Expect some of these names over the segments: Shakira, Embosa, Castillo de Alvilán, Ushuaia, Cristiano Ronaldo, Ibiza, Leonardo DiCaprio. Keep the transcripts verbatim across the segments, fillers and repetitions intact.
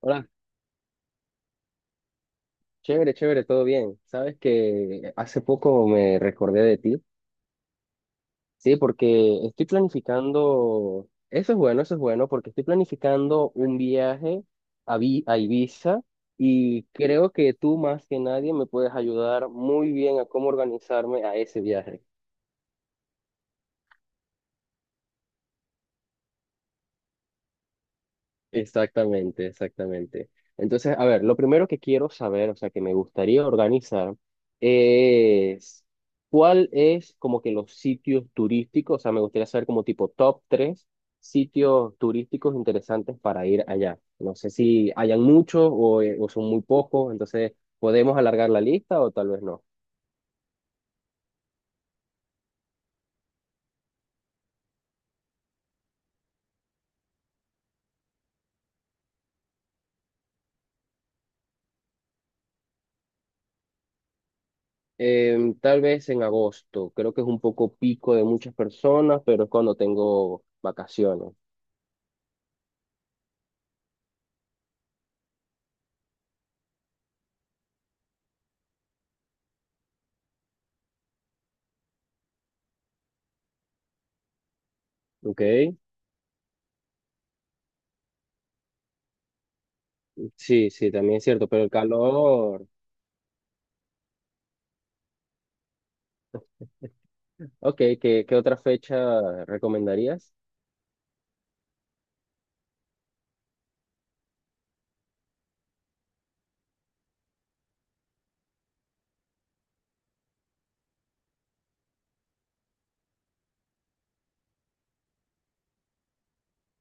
Hola, chévere, chévere, todo bien. Sabes que hace poco me recordé de ti, sí, porque estoy planificando, eso es bueno, eso es bueno, porque estoy planificando un viaje a, Vi- a Ibiza, y creo que tú más que nadie me puedes ayudar muy bien a cómo organizarme a ese viaje. Exactamente, exactamente. Entonces, a ver, lo primero que quiero saber, o sea, que me gustaría organizar, es cuál es como que los sitios turísticos. O sea, me gustaría saber como tipo top tres sitios turísticos interesantes para ir allá. No sé si hayan muchos o, eh, o son muy pocos. Entonces podemos alargar la lista o tal vez no. Em, tal vez en agosto, creo que es un poco pico de muchas personas, pero es cuando tengo vacaciones. ¿Ok? Sí, sí, también es cierto, pero el calor. Ok, ¿qué, qué otra fecha recomendarías?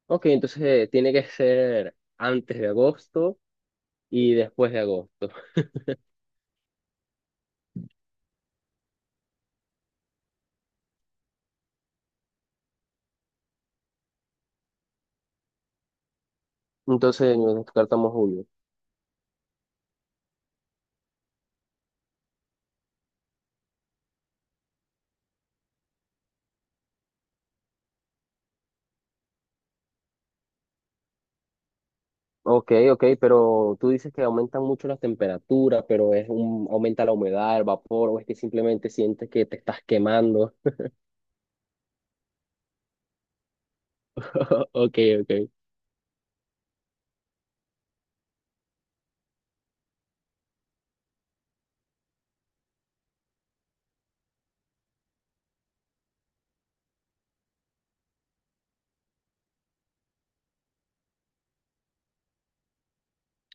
Ok, entonces eh, tiene que ser antes de agosto y después de agosto. Entonces nos descartamos julio. Ok, ok, pero tú dices que aumentan mucho las temperaturas, pero es un, aumenta la humedad, el vapor, o es que simplemente sientes que te estás quemando. Ok, ok.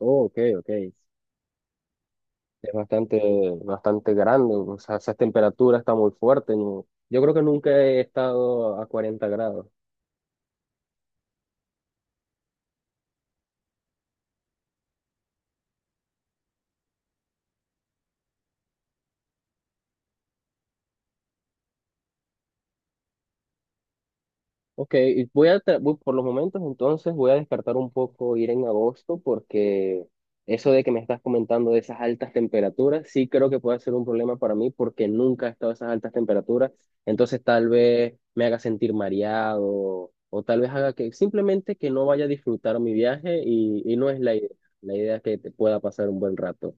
Oh, ok, ok. Es bastante, bastante grande. O sea, esa temperatura está muy fuerte, ¿no? Yo creo que nunca he estado a cuarenta grados. Ok, y voy a, tra- voy- por los momentos entonces voy a descartar un poco ir en agosto, porque eso de que me estás comentando de esas altas temperaturas, sí creo que puede ser un problema para mí, porque nunca he estado a esas altas temperaturas. Entonces tal vez me haga sentir mareado, o tal vez haga que simplemente que no vaya a disfrutar mi viaje, y, y no es la idea. La idea es que te pueda pasar un buen rato.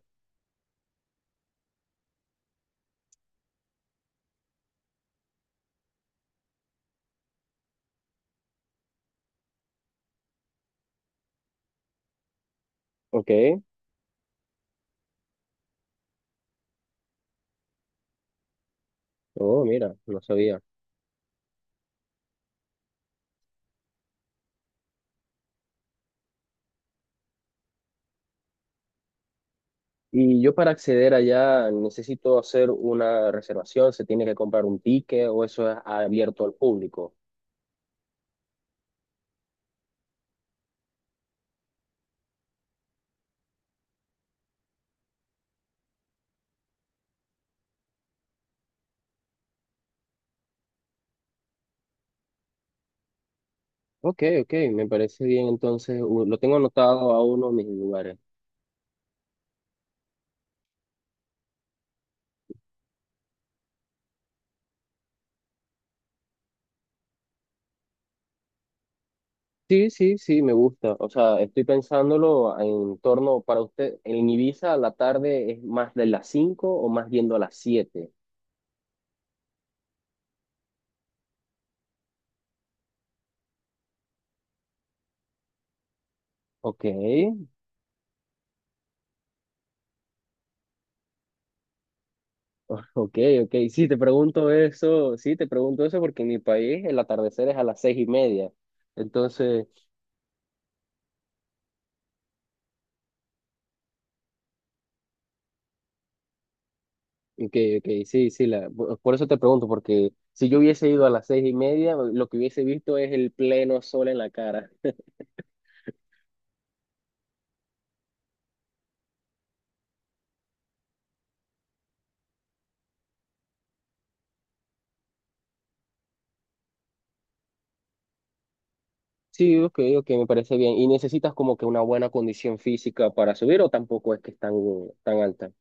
Ok, oh, mira, no sabía. Y yo para acceder allá, ¿necesito hacer una reservación, se tiene que comprar un ticket, o eso es abierto al público? Ok, ok, me parece bien. Entonces u- lo tengo anotado a uno de mis lugares. Sí, sí, sí, me gusta. O sea, estoy pensándolo en torno para usted, en Ibiza la tarde es más de las cinco o más yendo a las siete. Ok. Ok, ok. Sí, te pregunto eso, sí, te pregunto eso porque en mi país el atardecer es a las seis y media. Entonces, ok, ok, sí, sí, la, por por eso te pregunto, porque si yo hubiese ido a las seis y media, lo que hubiese visto es el pleno sol en la cara. Sí, ok, ok, me parece bien. ¿Y necesitas como que una buena condición física para subir, o tampoco es que es tan, tan alta?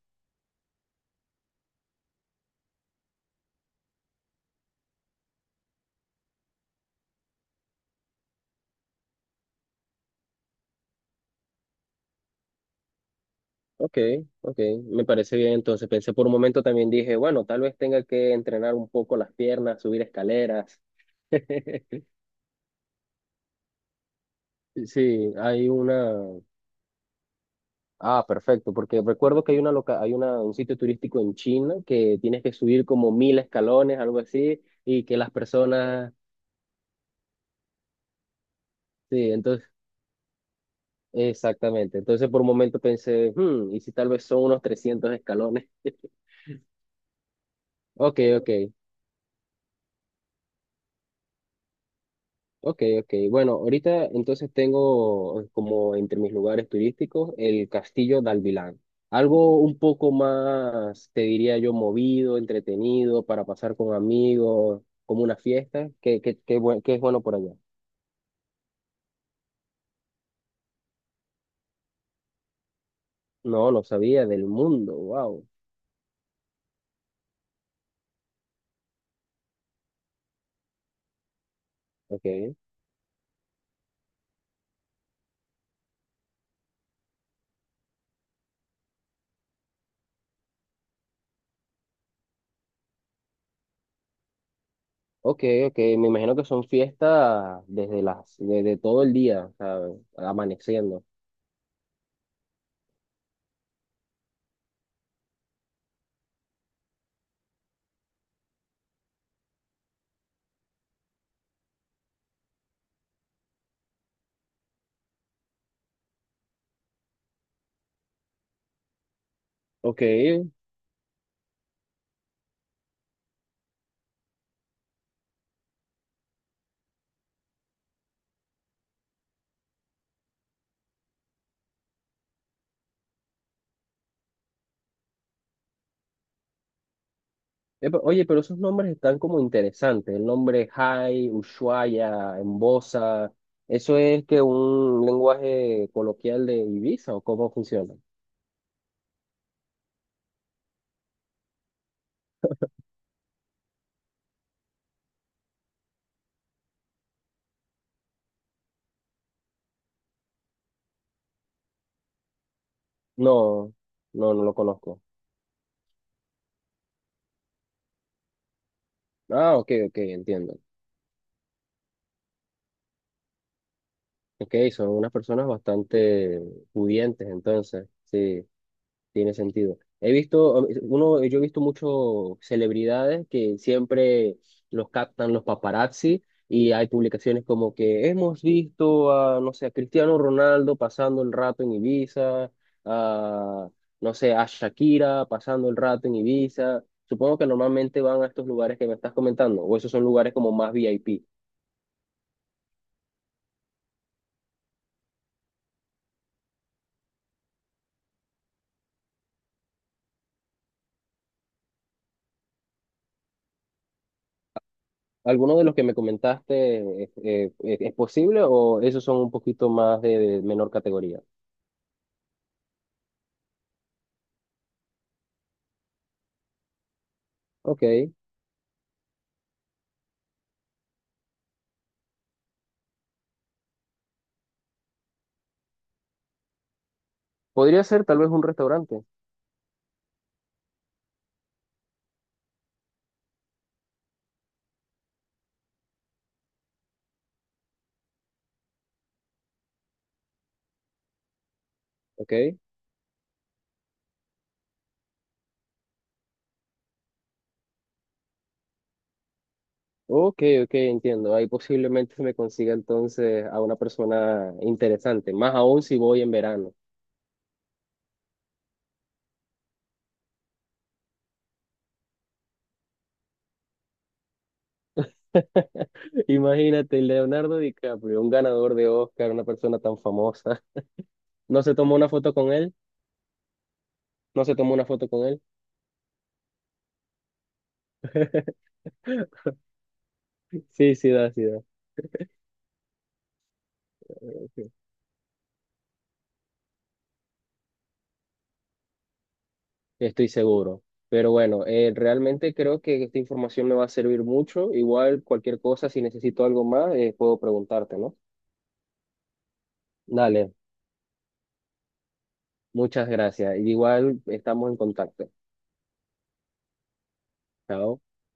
Ok, ok, me parece bien. Entonces pensé por un momento, también dije, bueno, tal vez tenga que entrenar un poco las piernas, subir escaleras. Sí, hay una. Ah, perfecto, porque recuerdo que hay una loca... hay una... un sitio turístico en China que tienes que subir como mil escalones, algo así, y que las personas. Sí, entonces, exactamente. Entonces por un momento pensé, hmm, ¿y si tal vez son unos trescientos escalones? Ok, ok. Ok, ok. Bueno, ahorita entonces tengo eh, como entre mis lugares turísticos el Castillo de Alvilán. Algo un poco más, te diría yo, movido, entretenido, para pasar con amigos, como una fiesta. ¿Qué, qué, qué, buen- qué es bueno por allá? No, no sabía del mundo. Wow. Ok, ok, ok. Me imagino que son fiestas desde las, desde todo el día, ¿sabes? Amaneciendo. Ok, epa, oye, pero esos nombres están como interesantes. El nombre Hai, Ushuaia, Embosa, ¿eso es que un lenguaje coloquial de Ibiza o cómo funciona? No, no, no lo conozco. Ah, ok, ok, entiendo. Ok, son unas personas bastante pudientes entonces, sí. Tiene sentido. He visto, um, uno, yo he visto muchos celebridades que siempre los captan los paparazzi, y hay publicaciones como que hemos visto a, no sé, a Cristiano Ronaldo pasando el rato en Ibiza, a, no sé, a Shakira pasando el rato en Ibiza. Supongo que normalmente van a estos lugares que me estás comentando, o esos son lugares como más VIP. ¿Alguno de los que me comentaste eh, eh, es posible, o esos son un poquito más de de menor categoría? Ok. Podría ser tal vez un restaurante. ¿Ok? Ok, ok, entiendo. Ahí posiblemente se me consiga entonces a una persona interesante, más aún si voy en verano. Imagínate, Leonardo DiCaprio, un ganador de Oscar, una persona tan famosa. ¿No se tomó una foto con él? ¿No se tomó una foto con él? Sí, sí da, sí da. Ok. Estoy seguro. Pero bueno, eh, realmente creo que esta información me va a servir mucho. Igual cualquier cosa, si necesito algo más, eh, puedo preguntarte, ¿no? Dale. Muchas gracias. Igual estamos en contacto. Chao.